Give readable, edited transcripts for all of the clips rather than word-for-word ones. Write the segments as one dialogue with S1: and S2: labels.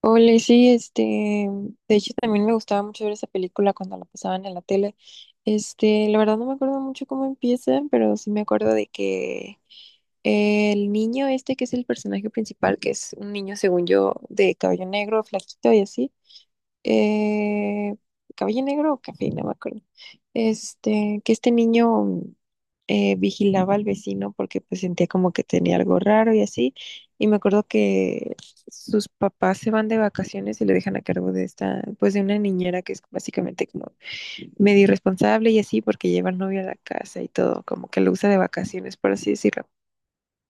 S1: Ole, sí, este, de hecho también me gustaba mucho ver esa película cuando la pasaban en la tele. Este, la verdad no me acuerdo mucho cómo empieza, pero sí me acuerdo de que el niño este que es el personaje principal, que es un niño según yo de cabello negro, flaquito y así, eh, Caballo Negro o Café, no me acuerdo. Este, que este niño vigilaba al vecino porque pues sentía como que tenía algo raro y así. Y me acuerdo que sus papás se van de vacaciones y lo dejan a cargo de esta, pues de una niñera que es básicamente como medio irresponsable y así porque lleva al novio a la casa y todo, como que lo usa de vacaciones, por así decirlo.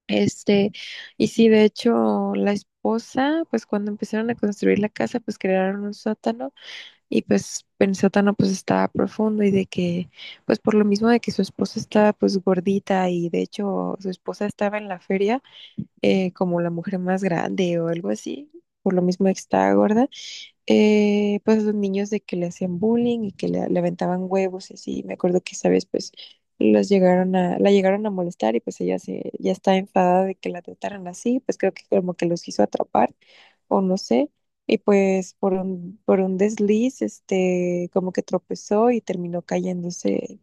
S1: Este, y sí, de hecho, la esposa, pues cuando empezaron a construir la casa, pues crearon un sótano y pues Pensótano pues estaba profundo y de que, pues por lo mismo de que su esposa estaba pues gordita y de hecho su esposa estaba en la feria como la mujer más grande o algo así, por lo mismo de que estaba gorda, pues los niños de que le hacían bullying y que le aventaban huevos y así. Me acuerdo que esa vez pues la llegaron a molestar y pues ya está enfadada de que la trataran así, pues creo que como que los quiso atrapar o no sé. Y pues por un desliz, este, como que tropezó y terminó cayéndose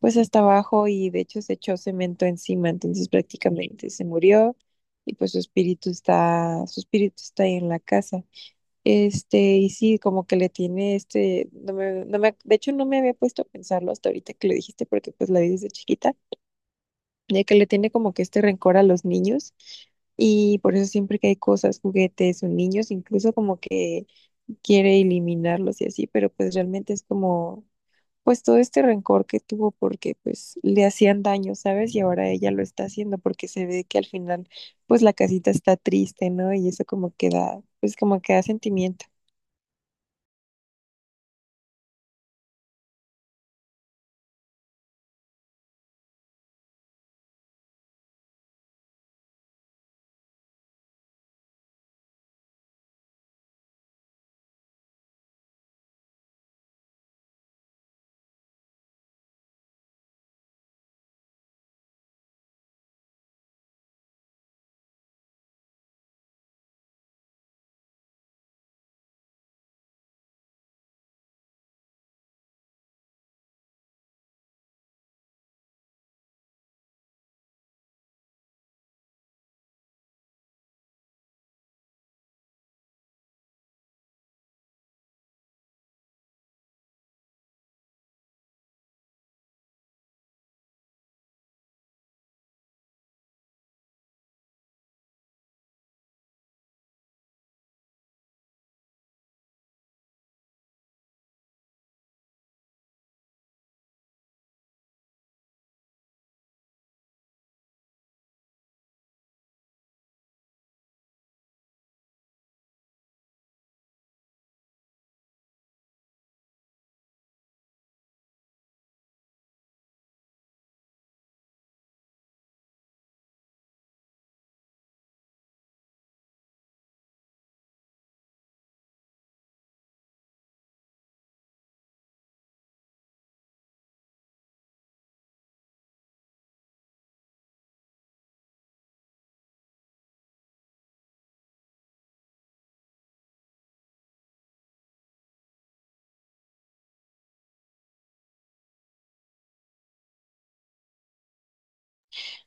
S1: pues hasta abajo y de hecho se echó cemento encima, entonces prácticamente se murió y pues su espíritu está ahí en la casa. Este, y sí, como que le tiene este, de hecho no me había puesto a pensarlo hasta ahorita que lo dijiste, porque pues la vi desde chiquita, de que le tiene como que este rencor a los niños, y por eso siempre que hay cosas, juguetes o niños, incluso como que quiere eliminarlos y así, pero pues realmente es como, pues todo este rencor que tuvo porque pues le hacían daño, ¿sabes? Y ahora ella lo está haciendo porque se ve que al final pues la casita está triste, ¿no? Y eso como que da, pues como que da sentimientos.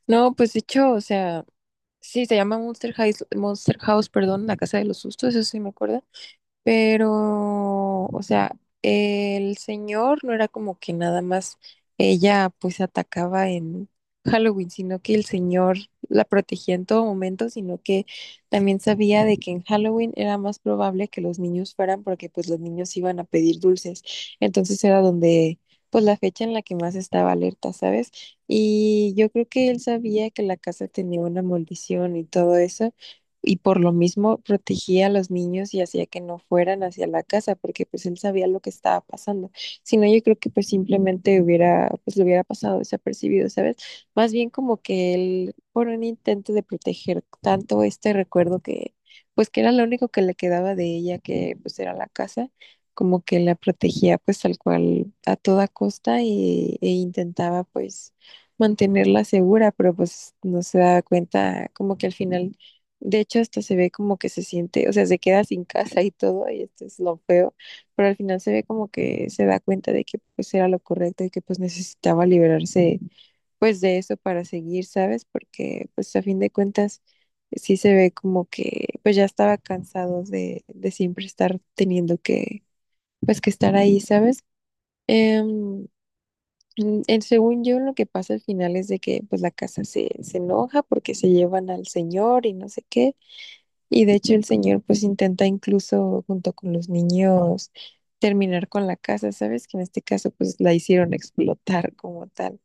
S1: No, pues de hecho, o sea, sí, se llama perdón, la casa de los sustos, eso sí me acuerdo. Pero, o sea, el señor no era como que nada más ella pues atacaba en Halloween, sino que el señor la protegía en todo momento, sino que también sabía de que en Halloween era más probable que los niños fueran porque pues los niños iban a pedir dulces. Entonces era donde pues la fecha en la que más estaba alerta, ¿sabes? Y yo creo que él sabía que la casa tenía una maldición y todo eso y por lo mismo protegía a los niños y hacía que no fueran hacia la casa porque pues él sabía lo que estaba pasando. Si no, yo creo que pues simplemente hubiera, pues lo hubiera pasado desapercibido, ¿sabes? Más bien como que él, por un intento de proteger tanto este recuerdo que pues que era lo único que le quedaba de ella, que pues era la casa, como que la protegía pues tal cual a toda costa e intentaba pues mantenerla segura, pero pues no se daba cuenta como que al final de hecho, hasta se ve como que se siente, o sea, se queda sin casa y todo, y esto es lo feo, pero al final se ve como que se da cuenta de que pues era lo correcto y que pues necesitaba liberarse pues de eso para seguir, ¿sabes? Porque pues a fin de cuentas sí se ve como que pues ya estaba cansado de siempre estar teniendo que pues que estar ahí, ¿sabes? Em, Según yo, lo que pasa al final es de que pues se enoja porque se llevan al señor y no sé qué. Y de hecho el señor pues intenta incluso junto con los niños terminar con la casa, ¿sabes? Que en este caso pues la hicieron explotar como tal.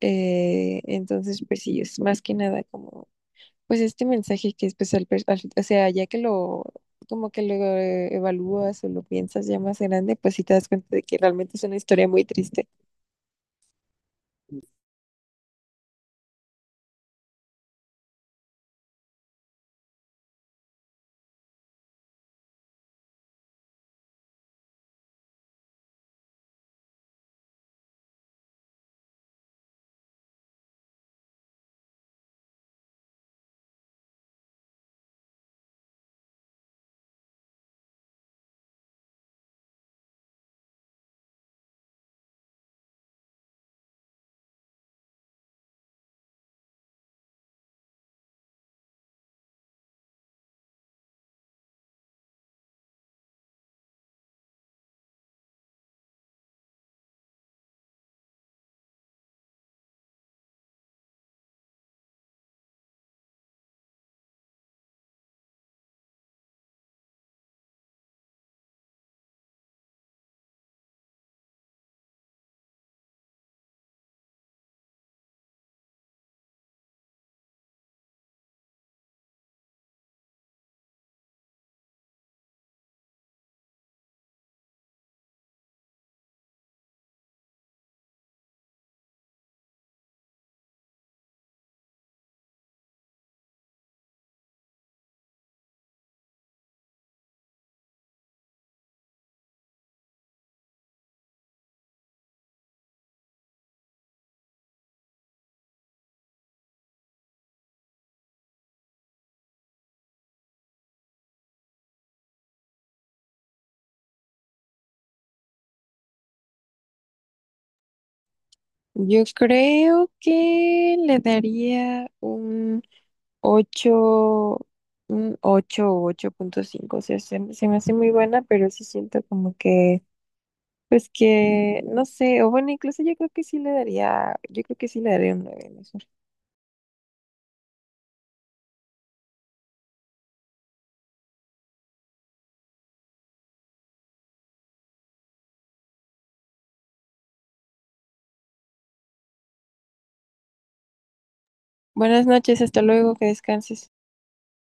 S1: Entonces pues sí, es más que nada como pues este mensaje que es pues o sea, ya que lo como que lo evalúas o lo piensas ya más grande, pues sí te das cuenta de que realmente es una historia muy triste. Yo creo que le daría un 8, 8 o 8,5, o sea, se me hace muy buena, pero sí siento como que, pues que, no sé, o bueno, incluso yo creo que sí le daría, yo creo que sí le daría un 9, mejor. Buenas noches, hasta luego, que descanses.